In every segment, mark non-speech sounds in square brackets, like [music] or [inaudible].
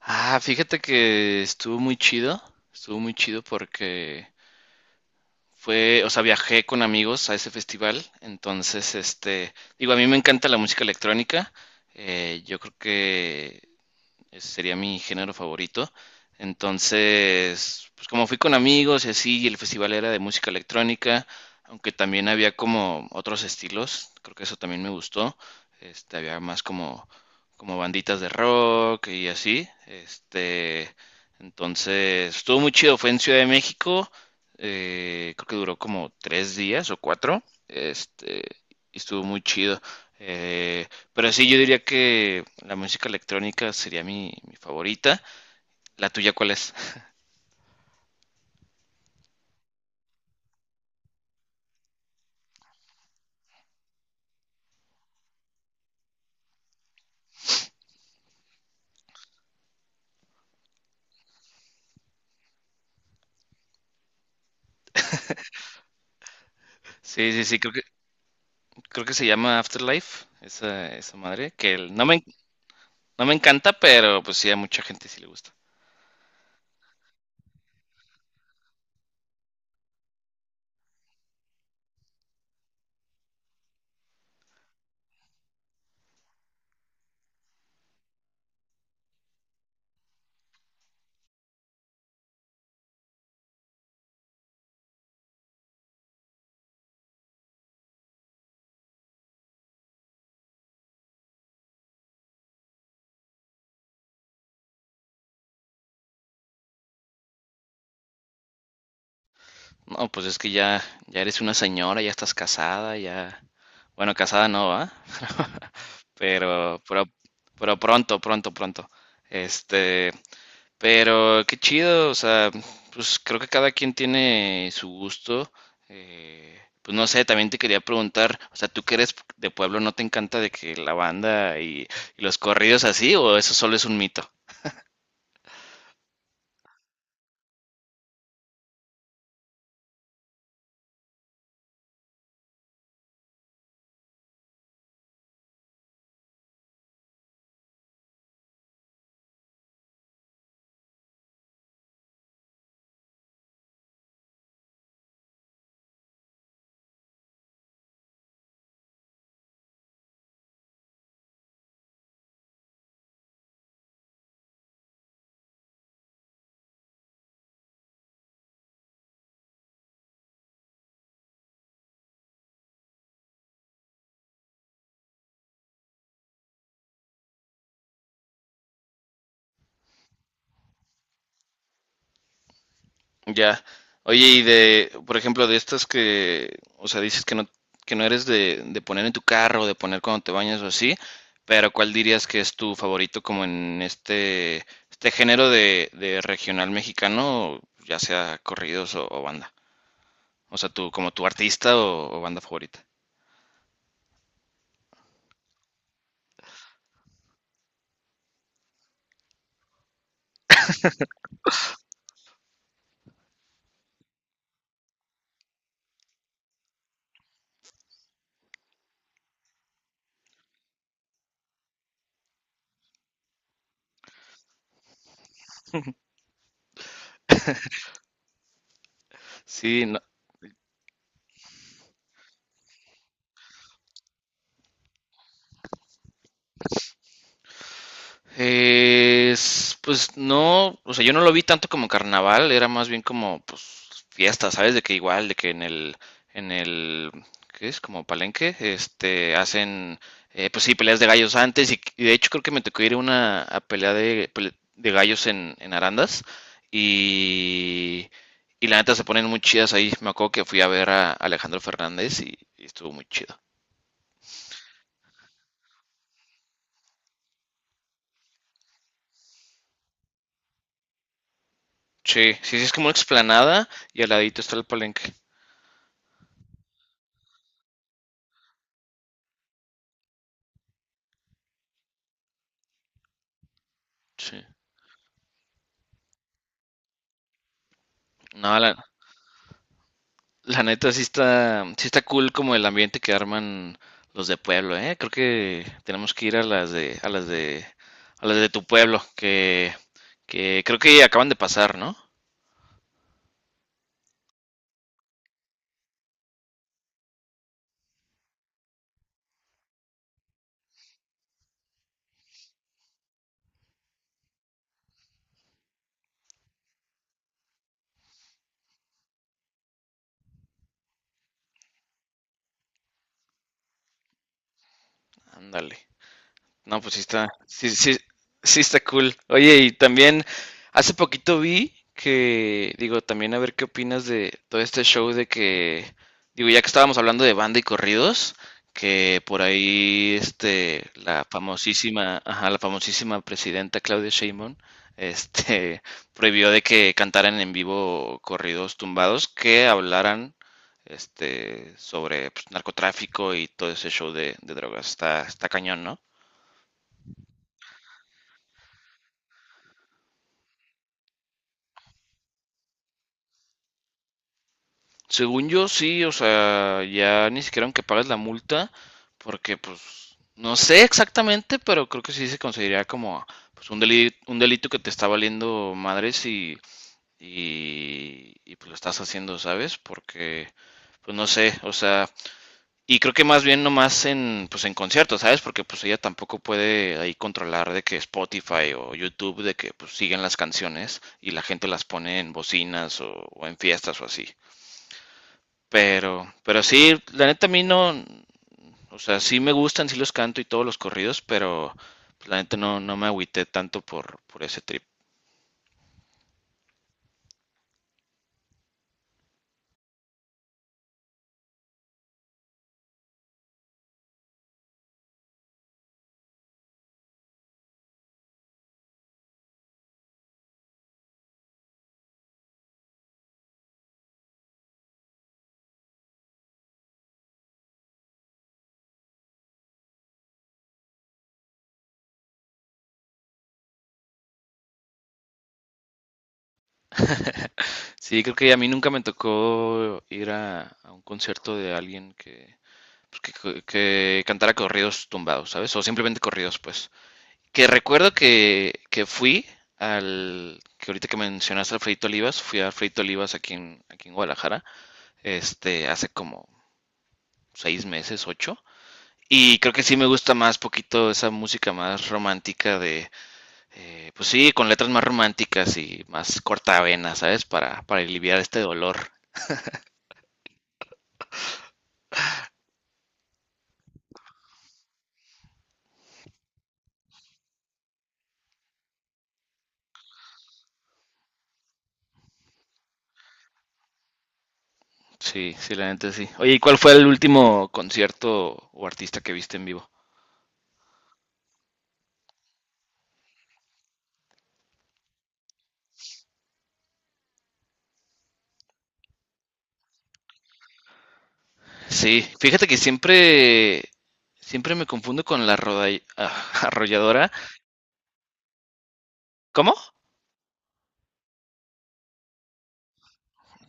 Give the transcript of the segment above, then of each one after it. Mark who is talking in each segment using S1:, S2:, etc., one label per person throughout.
S1: Ah, fíjate que estuvo muy chido porque fue, o sea, viajé con amigos a ese festival, entonces, digo, a mí me encanta la música electrónica, yo creo que ese sería mi género favorito. Entonces, pues como fui con amigos y así, y el festival era de música electrónica, aunque también había como otros estilos, creo que eso también me gustó. Había más como, como banditas de rock y así. Entonces, estuvo muy chido, fue en Ciudad de México, creo que duró como 3 días o 4. Este, y estuvo muy chido. Eh, pero sí, yo diría que la música electrónica sería mi favorita. ¿La tuya cuál es? Sí, sí, sí, creo que se llama Afterlife, esa madre, no me encanta, pero pues sí, a mucha gente sí le gusta. No, pues es que ya, ya eres una señora, ya estás casada, ya... Bueno, casada no, ¿va? [laughs] Pero, pero, pero pronto, pronto. Este, pero qué chido, o sea, pues creo que cada quien tiene su gusto. Pues no sé, también te quería preguntar, o sea, ¿tú que eres de pueblo no te encanta de que la banda y los corridos así o eso solo es un mito? Ya. Oye, por ejemplo, o sea, dices que no eres de poner en tu carro, de poner cuando te bañas o así, pero ¿cuál dirías que es tu favorito como en este género de regional mexicano, ya sea corridos o banda? O sea, tu, como tu artista o banda favorita. Sí, es, pues no, o sea, yo no lo vi tanto como carnaval, era más bien como pues fiesta, ¿sabes? De que igual, de que en el, ¿qué es? Como palenque, este, hacen, pues sí, peleas de gallos antes y de hecho creo que me tocó ir a una a de gallos en Arandas y, y la neta se ponen muy chidas ahí. Me acuerdo que fui a ver a Alejandro Fernández y estuvo muy chido. Sí, sí, sí, es como una explanada y al ladito está el palenque. Sí. No, La neta sí está cool como el ambiente que arman los de pueblo, ¿eh? Creo que tenemos que ir a a las de tu pueblo, que creo que acaban de pasar, ¿no? Ándale. No, pues sí está, sí, sí, sí está cool. Oye, y también hace poquito vi que, digo, también a ver qué opinas de todo este show de que, digo, ya que estábamos hablando de banda y corridos, que por ahí, este, la famosísima, ajá, la famosísima presidenta Claudia Sheinbaum, este, [laughs] prohibió de que cantaran en vivo corridos tumbados que hablaran, este, sobre pues, narcotráfico y todo ese show de drogas. Está, está cañón, ¿no? Según yo, sí, o sea, ya ni siquiera aunque pagues la multa, porque pues no sé exactamente, pero creo que sí se consideraría como pues, un delito que te está valiendo madres pues lo estás haciendo, ¿sabes? Porque, pues no sé, o sea, y creo que más bien nomás pues en conciertos, ¿sabes? Porque pues ella tampoco puede ahí controlar de que Spotify o YouTube, de que pues siguen las canciones y la gente las pone en bocinas o en fiestas o así. Pero sí, la neta a mí no, o sea, sí me gustan, sí los canto y todos los corridos, pero pues, la neta no, no me agüité tanto por ese trip. [laughs] Sí, creo que a mí nunca me tocó ir a un concierto de alguien que, pues, que cantara corridos tumbados, ¿sabes? O simplemente corridos, pues. Que fui al, que ahorita que mencionaste al Fredito Olivas, fui a Fredito Olivas aquí en, aquí en Guadalajara, este, hace como 6 meses, 8. Y creo que sí me gusta más poquito esa música más romántica de, pues sí, con letras más románticas y más cortavenas, ¿sabes? Para aliviar este dolor. Sí, sí, la neta sí. Oye, ¿y cuál fue el último concierto o artista que viste en vivo? Sí, fíjate que siempre, siempre me confundo con [laughs] arrolladora. ¿Cómo?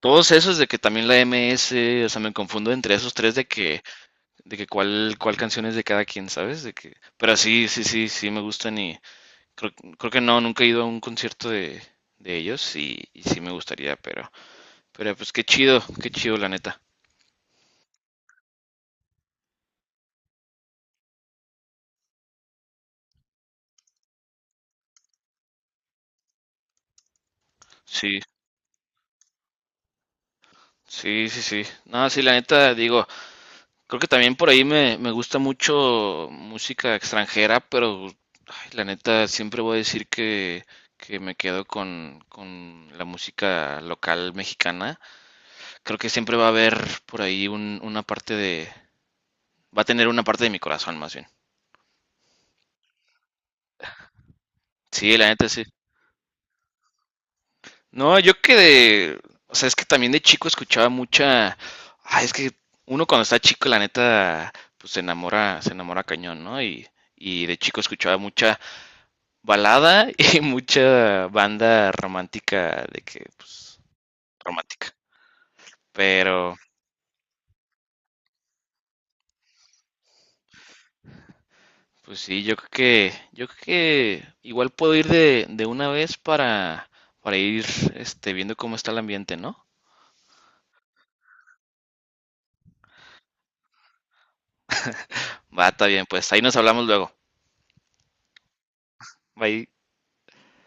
S1: Todos esos de que también la MS o sea, me confundo entre esos tres de que cuál, cuál canción es de cada quien, ¿sabes? De que, pero sí, sí, sí, sí me gustan y, Creo, creo que no, nunca he ido a un concierto de ellos y sí me gustaría, pero pues qué chido la neta. Sí, sí, sí, sí. No, sí, la neta, digo, creo que también por ahí me gusta mucho música extranjera, pero ay, la neta siempre voy a decir que me quedo con la música local mexicana. Creo que siempre va a haber por ahí una parte de, va a tener una parte de mi corazón más bien. Sí, la neta sí. No, yo que de, o sea, es que también de chico escuchaba mucha, ay, es que uno cuando está chico, la neta, pues se enamora cañón, ¿no? Y de chico escuchaba mucha balada [laughs] y mucha banda romántica, de que, pues, romántica. Pero, pues sí, yo creo que igual puedo ir de una vez para ir, este, viendo cómo está el ambiente, ¿no? Va, está bien, pues ahí nos hablamos luego. Bye.